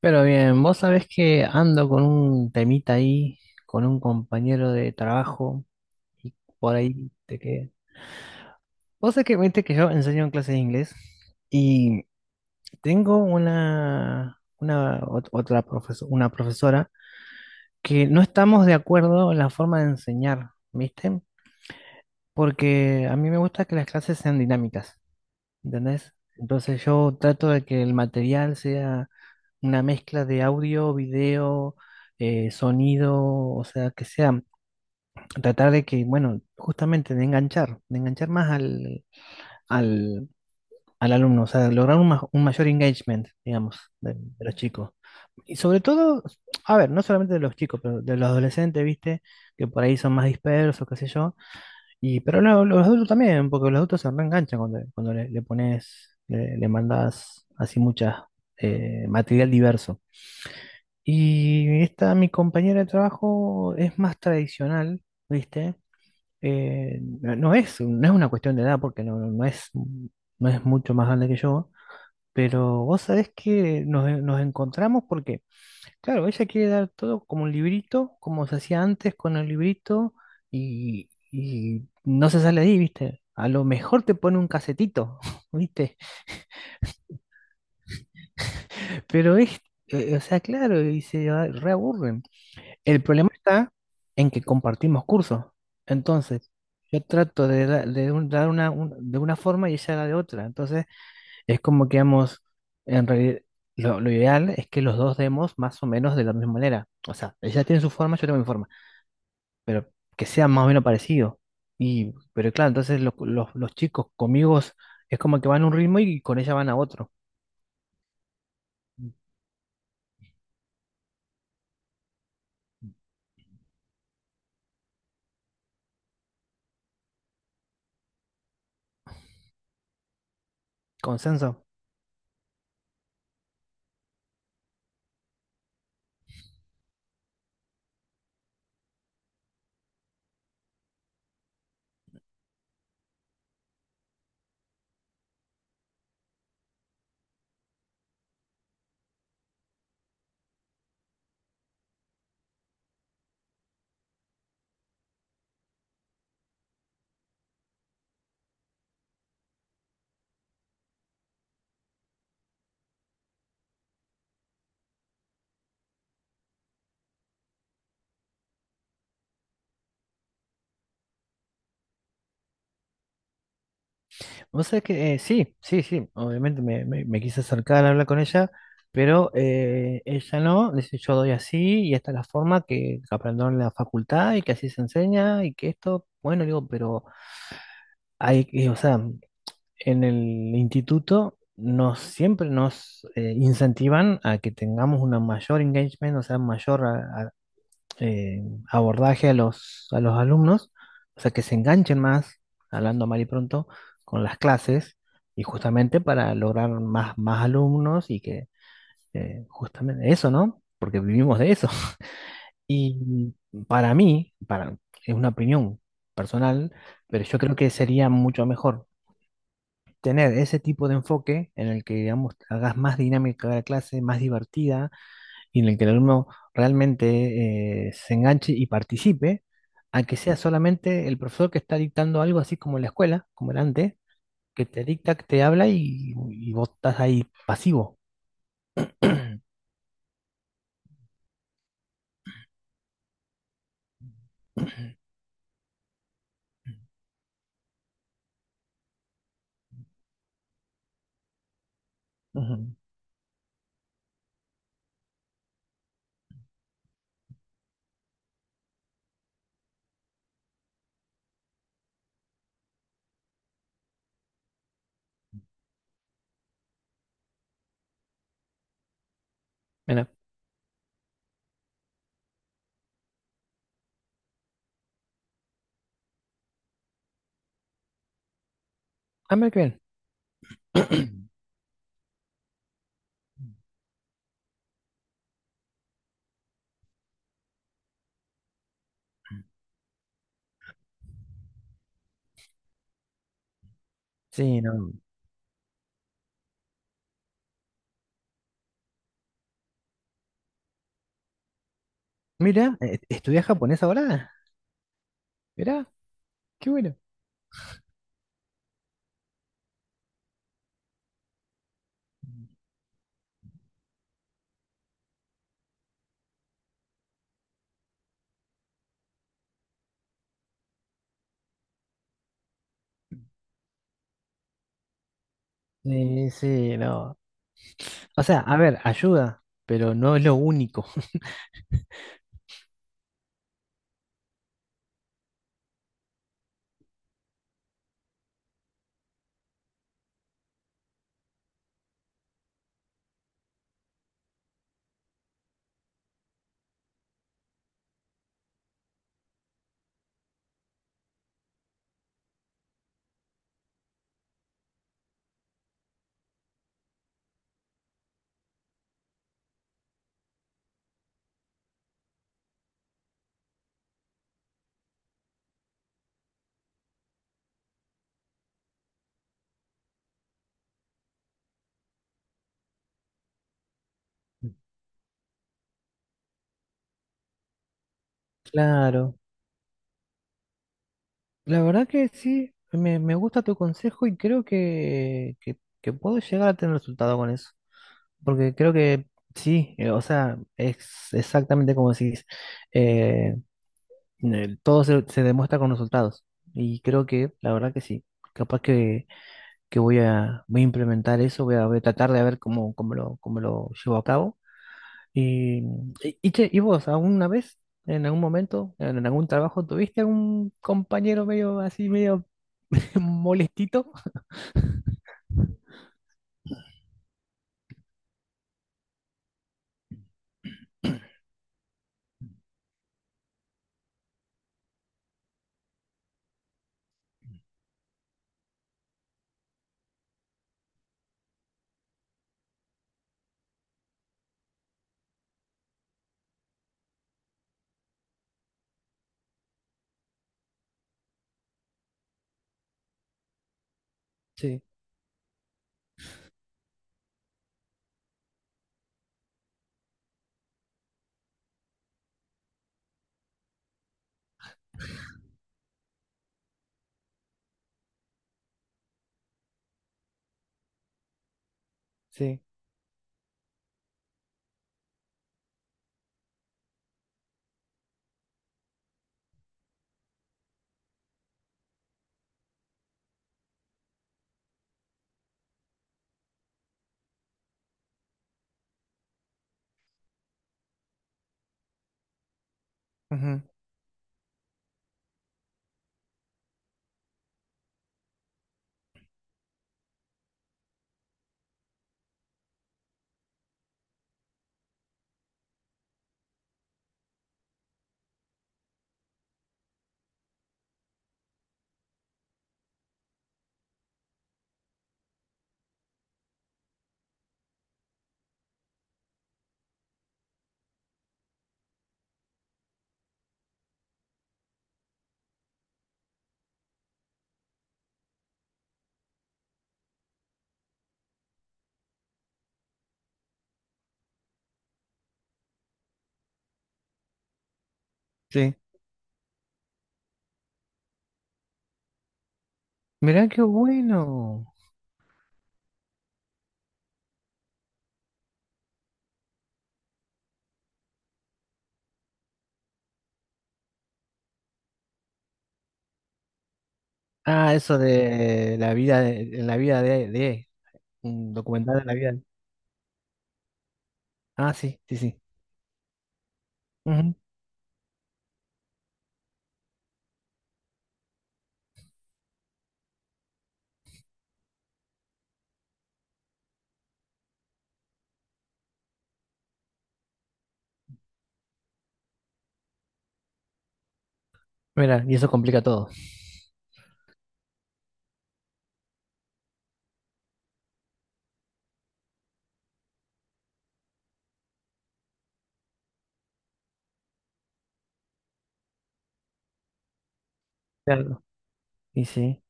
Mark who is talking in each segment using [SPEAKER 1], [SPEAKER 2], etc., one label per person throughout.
[SPEAKER 1] Pero bien, vos sabés que ando con un temita ahí, con un compañero de trabajo, y por ahí te quedé. Vos sabés que, viste que yo enseño en clases de inglés y tengo una profesora que no estamos de acuerdo en la forma de enseñar, ¿viste? Porque a mí me gusta que las clases sean dinámicas. ¿Entendés? Entonces yo trato de que el material sea una mezcla de audio, video, sonido, o sea, que sea, tratar de que, bueno, justamente de enganchar más al, al alumno, o sea, lograr un mayor engagement, digamos, de los chicos. Y sobre todo, a ver, no solamente de los chicos, pero de los adolescentes, ¿viste? Que por ahí son más dispersos, qué sé yo y, pero no, los adultos también, porque los adultos se reenganchan cuando le pones, le mandás así mucha material diverso. Y esta, mi compañera de trabajo es más tradicional, ¿viste? No es una cuestión de edad, porque no es mucho más grande que yo, pero vos sabés que nos encontramos porque, claro, ella quiere dar todo como un librito, como se hacía antes con el librito, y no se sale de ahí, ¿viste? A lo mejor te pone un casetito, ¿viste? Pero es, o sea, claro, y se a- reaburren. El problema está en que compartimos cursos. Entonces, yo trato de, da- de un- dar una, un- de una forma y ella da de otra. Entonces, es como que vamos, en realidad, lo ideal es que los dos demos más o menos de la misma manera. O sea, ella tiene su forma, yo tengo mi forma pero que sea más o menos parecido. Y, pero claro, entonces los chicos conmigo es como que van a un ritmo y con ella van a otro. Consenso. No sé que sí, sí, sí, obviamente me quise acercar a hablar con ella, pero ella no, dice yo doy así y esta es la forma que aprendieron en la facultad y que así se enseña y que esto, bueno, digo, pero hay, que- o sea, en el instituto nos siempre nos incentivan a que tengamos una mayor engagement, o sea, mayor a- eh, abordaje a a los alumnos, o sea, que se enganchen más, hablando mal y pronto, con las clases, y justamente para lograr más, más alumnos y que justamente eso, ¿no? Porque vivimos de eso. Y para mí, para, es una opinión personal, pero yo creo que sería mucho mejor tener ese tipo de enfoque en el que, digamos, hagas más dinámica la clase, más divertida, y en el que el alumno realmente se enganche y participe, a que sea solamente el profesor que está dictando algo así como en la escuela, como era antes, que te dicta, que te habla y vos estás ahí pasivo. Ujú. Mira, ah, mira qué bien. Sí, no. Mira, ¿estudias japonés ahora? Mira, qué bueno. Sí, sí, no. O sea, a ver, ayuda, pero no es lo único. Claro, la verdad que sí, me gusta tu consejo y creo que puedo llegar a tener resultado con eso, porque creo que sí, o sea, es exactamente como decís, eh, todo se demuestra con resultados y creo que la verdad que sí, capaz que voy a implementar eso, voy a tratar de ver cómo, cómo lo llevo a cabo. Y, y che, ¿y vos alguna vez, en algún momento, en algún trabajo, tuviste algún compañero medio así, medio molestito? Sí, sí, ujú, sí. Mirá qué bueno. Ah, eso de la vida de la vida de un documental de la vida. Ah, sí, sí, sí. Ujú. Mirá, y eso complica todo. Claro. Y sí.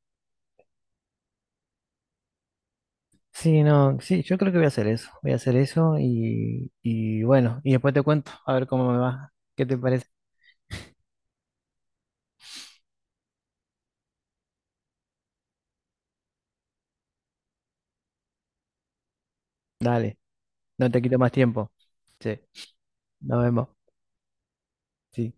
[SPEAKER 1] Sí, no, sí, yo creo que voy a hacer eso. Voy a hacer eso y bueno, y después te cuento a ver cómo me va. ¿Qué te parece? Dale, no te quito más tiempo. Sí, nos vemos. Sí.